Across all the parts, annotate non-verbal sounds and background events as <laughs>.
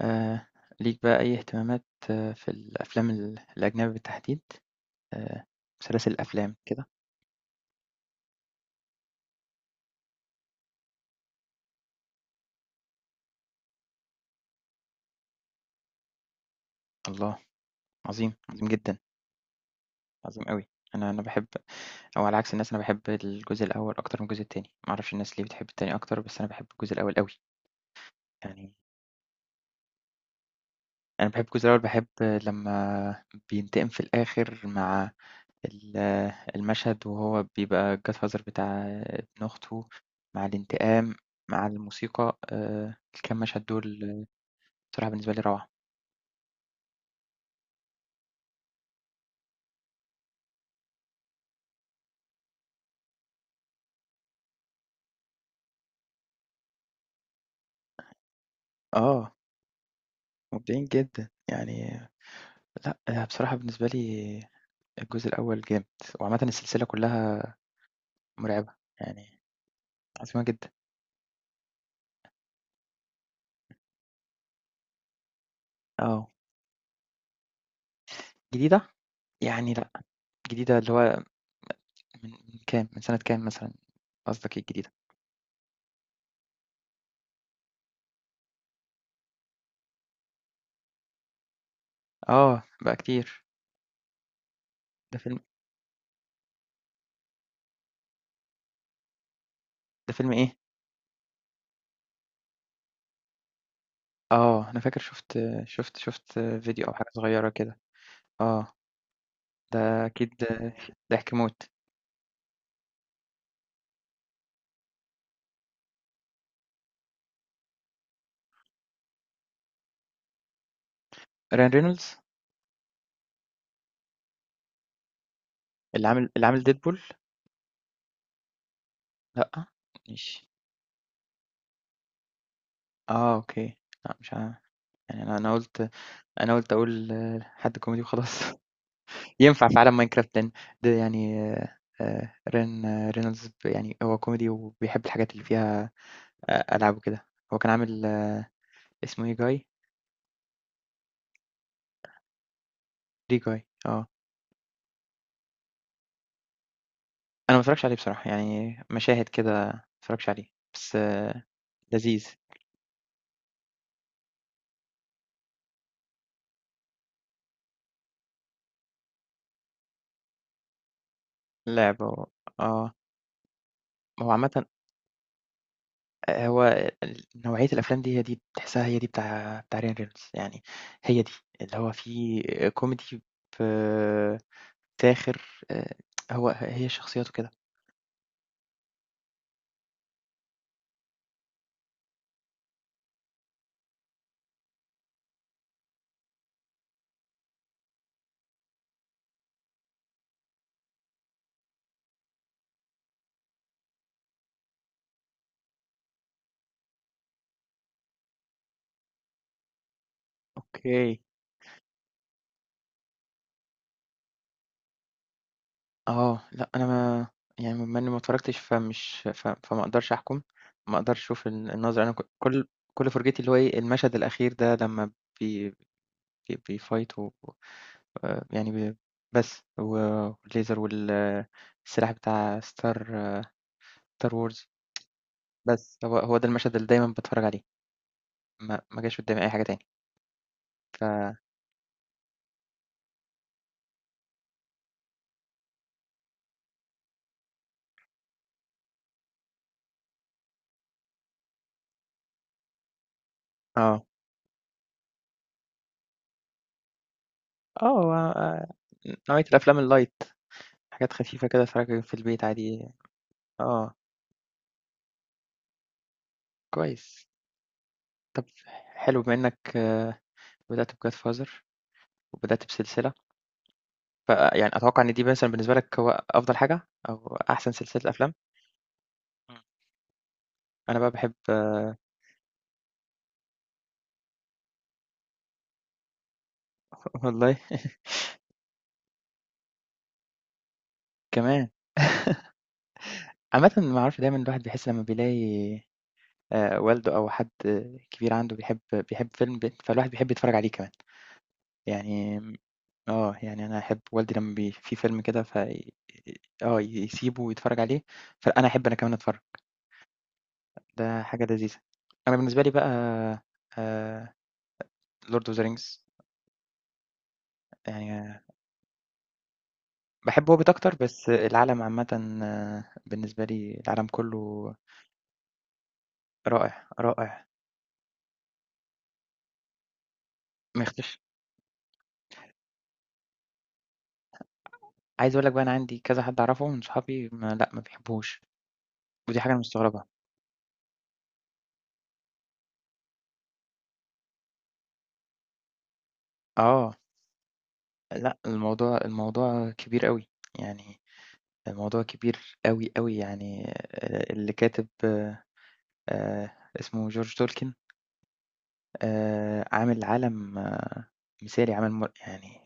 آآ ليك بقى أي اهتمامات في الأفلام الأجنبي بالتحديد؟ آآ سلاسل الأفلام كده؟ الله! عظيم، عظيم جدًا، عظيم أوي. أنا باحب أو على عكس الناس أنا باحب الجزء الأول أكتر من الجزء التاني، ما أعرفش الناس ليه بتحب التاني أكتر، بس أنا باحب الجزء الأول أوي. يعني أنا باحب الجزء الأول، باحب لمّا بينتقم في الآخر مع ال المشهد وهو بيبقى الgodfather بتاع ابن أخته، مع الانتقام، مع الموسيقى، الكام مشهد دول بصراحة بالنسبة لي روعة. آه، مبدعين جدًا، يعني لأ، أنا بصراحة بالنسبة لي الجزء الأول جامد، وعامةً السلسلة كلّها مرعبة، يعني عظيمة جدًا، آه، جديدة؟ يعني لأ، جديدة اللي هو من كام، من سنة كام مثلًا، قصدك ايه الجديدة؟ آه، بقى كتير، ده فيلم ده فيلم إيه؟ آه، أنا فاكر شُفت فيديو أو حاجة صغيّرة كده، آه، ده أكيد ضحك موت، Ryan Reynolds؟ اللي عامل Deadpool؟ لأ، ماشي، آه، أوكي، لأ مش ع يعني أنا قُلت، أنا قُلت أقول حد كوميدي وخلاص. <laughs> ينفع في عالم ماينكرافت، لإن ده يعني رينولدز، يعني هو كوميدي وبيحب الحاجات اللي فيها ألعاب وكده. هو كان عامل اسمه إيه Guy؟ Free Guy. آه. أنا ما اتفرّجتش عليه بصراحة، يعني مشاهد كده ما اتفرّجتش عليه، بس آه، لذيذ، لعبة و آه. هو عامةً هو ال نوعية الأفلام دي، هي دي تحسّها، هي دي بتاع بتاع رين رينولدز، يعني هي دي، اللي هو فيه كوميدي ب ساخر، آآ هو هي شخصيته كده. أوكي. لأ أنا ما يعني بما إني ما اتفرجتش فمش فما أقدرش أحكم، ما أقدرش أشوف النظرة، أنا كل كل فرجتي اللي هو إيه، المشهد الأخير ده لمّا بي بي بيfight و يعني بس، و والليزر وال السلاح بتاع star wars. بس هو ده المشهد اللي دايمًا باتفرج عليه، ما جاش قدامي أي حاجة تاني. ف آه، هو نوعية الأفلام الlight. حاجات خفيفة كده أتفرج في البيت عادي. آه، كويس. طب حلو بما إنك بدأت بجاد فازر وبدأت بسلسلة، فيعني أتوقع إن دي مثلا بالنسبة لك هو أفضل حاجة أو أحسن سلسلة أفلام. مم. أنا بقى بحب <laughs> والله. <laughs> كمان. <laughs> عامة ما أعرف، دايما الواحد بيحس لما بيلاقي والده أو حد كبير عنده بيحب فيلم فالواحد بيحب يتفرج عليه كمان يعني. يعني أنا أحب والدي لمّا في فيلم كده ف يسيبه ويتفرج عليه، فأنا أحب أنا كمان أتفرج، ده حاجة لذيذة. أنا بالنسبة لي بقى آآ Lord of the Rings. يعني باحب Hobbit أكتر، بس العالم عامةً بالنسبة لي العالم كله رائع، رائع، ما يختلفش. عايز أقول لك بقى أنا عندي كذا حد أعرفه من صحابي ما، لأ، ما بيحبوهوش، ودي حاجة أنا مستغربها. آه، لأ، الموضوع كبير أوي، يعني الموضوع كبير أوي، أوي يعني اللي كاتب آآ اسمه جورج تولكين، عامل عالم مثالي، عامل يعني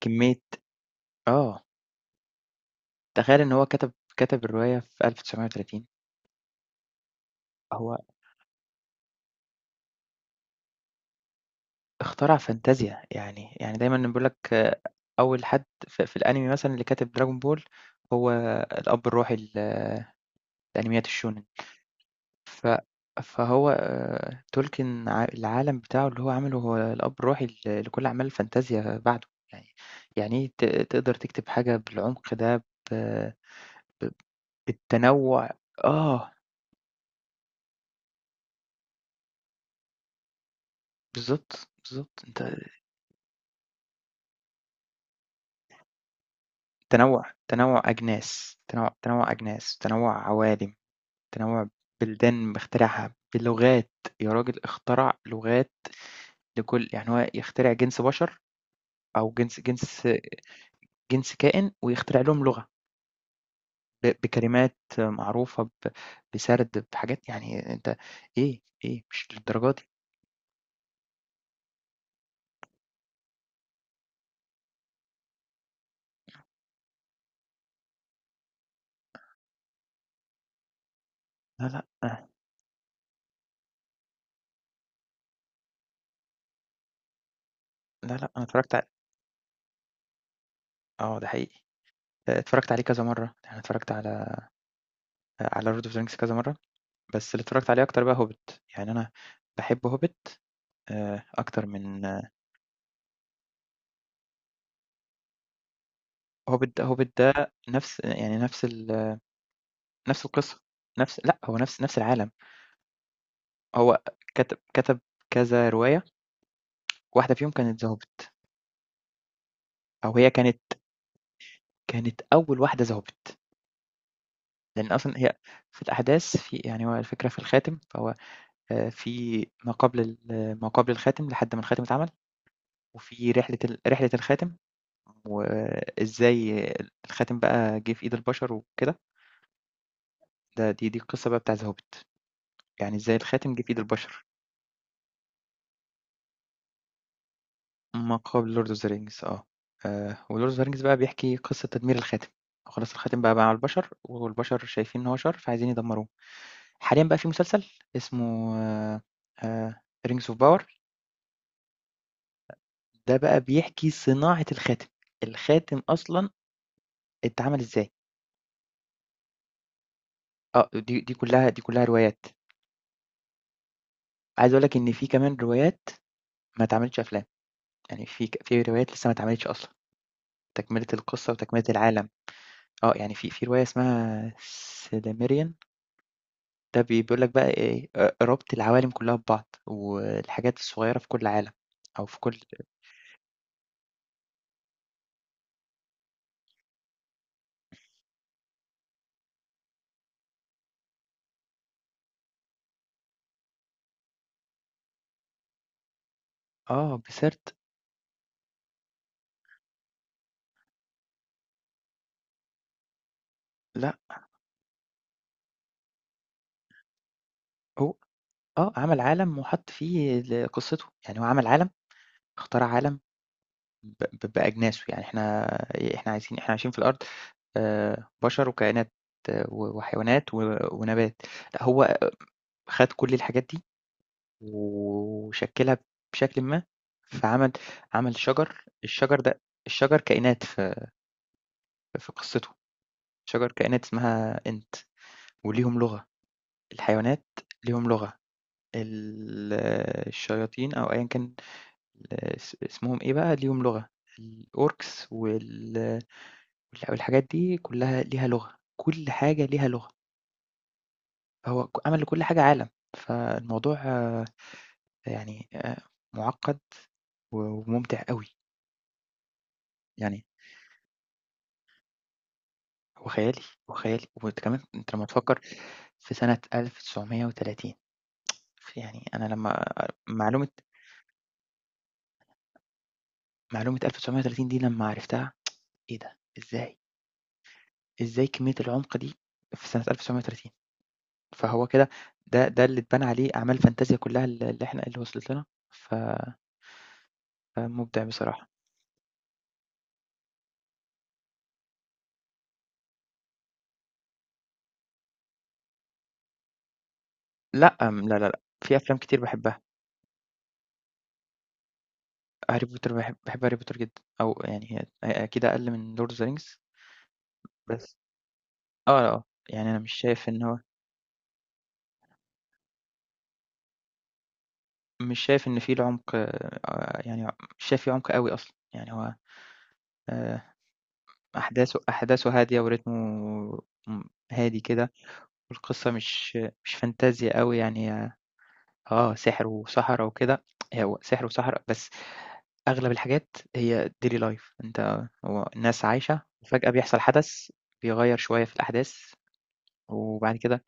كمية، آه، تخيل إن هو كتب الرواية في 1930. هو اخترع فانتازيا، يعني يعني دايمًا بيقول لك أول حد في الأنمي مثلًا اللي كاتب دراجون بول، هو الأب الروحي لأنميات الشونن. ف Tolkien، العالم بتاعه اللي هو عمله، هو الأب الروحي لكل أعمال الفانتازيا بعده، يعني يعني إيه تقدر تكتب حاجة بالعمق ده ب ب بالتنوُّع. آه، بالضبط، بالضبط، أنت تنوُّع تنوُّع أجناس، تنوُّع عوالم، تنوُّع بلدان مخترعها، بلغات، يا راجل اخترع لغات لكل، يعني هو يخترع جنس بشر أو جنس كائن ويخترع لهم لغة. بكلمات معروفة، بسرد بحاجات يعني أنت إيه، إيه مش للدرجة دي، لا، لأ، آه، لا، لأ، أنا اتفرّجت آه، ده حقيقي، اتفرّجت عليه كذا مرّة، يعني اتفرّجت على Lord of the Rings كذا مرّة، بس اللي اتفرّجت عليه أكتر بقى Hobbit، يعني أنا باحب Hobbit أكتر من Hobbit. ده Hobbit ده نفس، يعني نفس نفس القصة، نفس، لأ، هو نفس العالم، هو كتب كذا رواية، واحدة فيهم كانت The Hobbit، أو هي كانت كانت أول واحدة The Hobbit. لأن أصلًا هي في الأحداث في، يعني هو الفكرة في الخاتم، فهو في ما قبل آه، ما قبل الخاتم لحد ما الخاتم اتعمل، وفي رحلة رحلة الخاتم، وإزاي الخاتم بقى جِه في إيد البشر وكده، ده دي القصة بقى بتاع The Hobbit، يعني إزاي الخاتم جِه في إيد البشر، ما قبل Lord of the Rings. آه، وLord of the Rings بقى بيحكي قصة تدمير الخاتم، خلاص الخاتم بقى مع البشر، والبشر شايفين إن هو شر فعايزين يدمروه. حاليًا بقى في مسلسل اسمه Rings of Power، ده بقى بيحكي صناعة الخاتم، الخاتم أصلًا اتعمل إزاي، آه دي كلّها روايات، عايز أقول لك إن في كمان روايات ما اتعملتش أفلام، يعني في في روايات لسه ما اتعملتش أصلًا، تكملة القصة وتكملة العالم، يعني في في رواية اسمها سيلميريان، ده بيقول لك بقى إيه، ربط العوالم كلّها ببعض، والحاجات الصغيّرة في كل عالم أو في كل آه بسرت. لأ، هو عمل عالم وحط فيه قصته، يعني هو عمل عالم، اخترع عالم ب ب بأجناسه، يعني إحنا عايزين إحنا عايشين في الأرض، بشر وكائنات، و وحيوانات و ونبات، لأ هو خَد كل الحاجات دي وشكّلها بشكلٍ ما، فعمل، عمل شجر، الشجر ده الشجر كائنات في قصته، شجر كائنات اسمها إنت، وليهم لغة، الحيوانات ليهم لغة، ال الشياطين أو أيًا كان، اسمهم إيه بقى، ليهم لغة، الأوركس وال والح والحاجات دي كلّها ليها لغة، كل حاجة ليها لغة، هو عمل لكل حاجة عالم، فالموضوع يعني مُعقّد و وممتع أوي، يعني هو خيالي، هو خيالي، وأنت كمان أنت لمّا تفكّر في سنة 1930، ف يعني أنا لمّا معلومة 1930 دي لمّا عرفتها، إيه ده! إزاي! إزاي كمية العُمق دي في سنة 1930. فهو كده، ده ده اللي اتبنى عليه أعمال فانتازيا كلّها اللي إحنا اللي وصلت لنا، ف فمُبدع بصراحة. لأ، لا، لا، لأ، في أفلام كتير باحبها، هاري بوتر. باحب هاري بوتر جدًا، أو يعني هي هي أكيد أقل من لورد of the rings، بس آه، آه، يعني أنا مش شايف إن هو مش شايف إن في العمق، يعني مش شايف في عمق أوي أصلًا، يعني هو آآ، أحداثه هادية، ورتمه م هادي كده، والقصة مش فانتازيا أوي يعني، سحر وسحرة وكده، هو سحر وسحرة بس، أغلب الحاجات هي daily life، أنت هو الناس عايشة وفجأة بيحصل حدث بيغيّر شوية في الأحداث، وبعد كده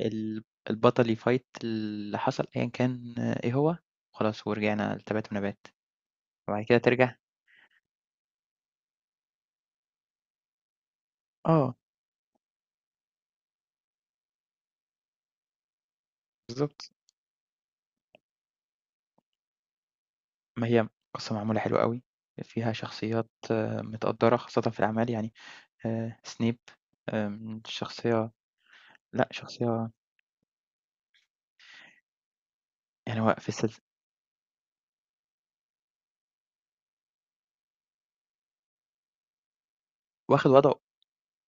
ال البطل يfight اللي حصل أيًا كان إيه هو، خلاص، ورجعنا لتبات ونبات. وبعد كده ترجع. آه بالضبط، ما هي قصة معمولة حلو أوي، فيها شخصيات متقدّرة خاصةً في الأعمال، يعني سنيب، شخصية، لأ شخصية، يعني هو في السلس واخد وضعه،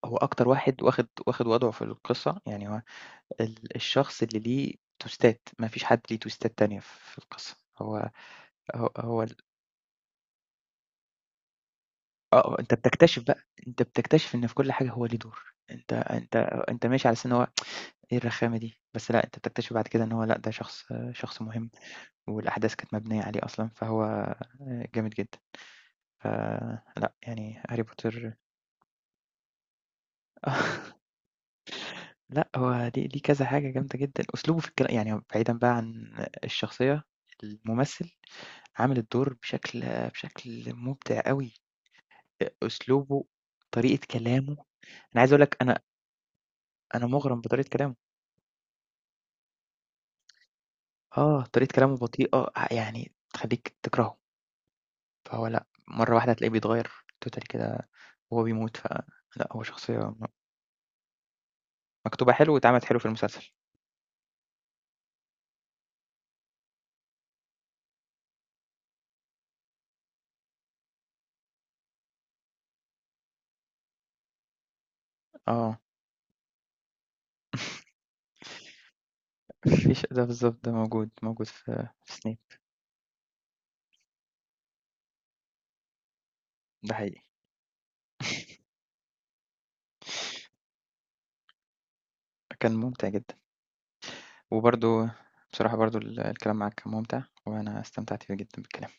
هو أكتر واحد واخد وضعه في القصة، يعني هو الشخص اللي ليه تويستات، ما فيش حد ليه تويستات تانية في القصة، هو هو آه، آه، أنت بتكتشف بقى، أنت بتكتشف إن في كل حاجة هو ليه دور، أنت أنت ماشي على أساس إن هو إيه الرخامة دي، بس لأ، أنت بتكتشف بعد كده إن هو لأ، ده شخص مهم، والأحداث كانت مبنية عليه أصلًا، فهو جامد جدًا. فلأ، يعني هاري بوتر. <laughs> لأ، هو ليه كذا حاجة جامدة جدًا، أسلوبه في الكلا، يعني بعيدًا بقى عن الشخصية، الممثل عامل الدور بشكل مُبدع أوي، أسلوبه، طريقة كلامه، أنا عايز أقول لك، أنا أنا مُغرم بطريقة كلامه، طريقة كلامه بطيئة يعني تخلّيك تكرهه، فهو لأ، مرّة واحدة هتلاقيه بيتغيّر totally كده وهو بيموت، فلأ هو شخصية مكتوبة حلو واتعملت حلو في المسلسل، آه، في ش ده بالضبط، ده موجود، موجود في سنيب، ده حقيقي. <laughs> كان مُمتع جدًا، وبرضه بصراحة، برضه الكلام معاك كان مُمتع، وأنا استمتعت بيه جدًا بالكلام.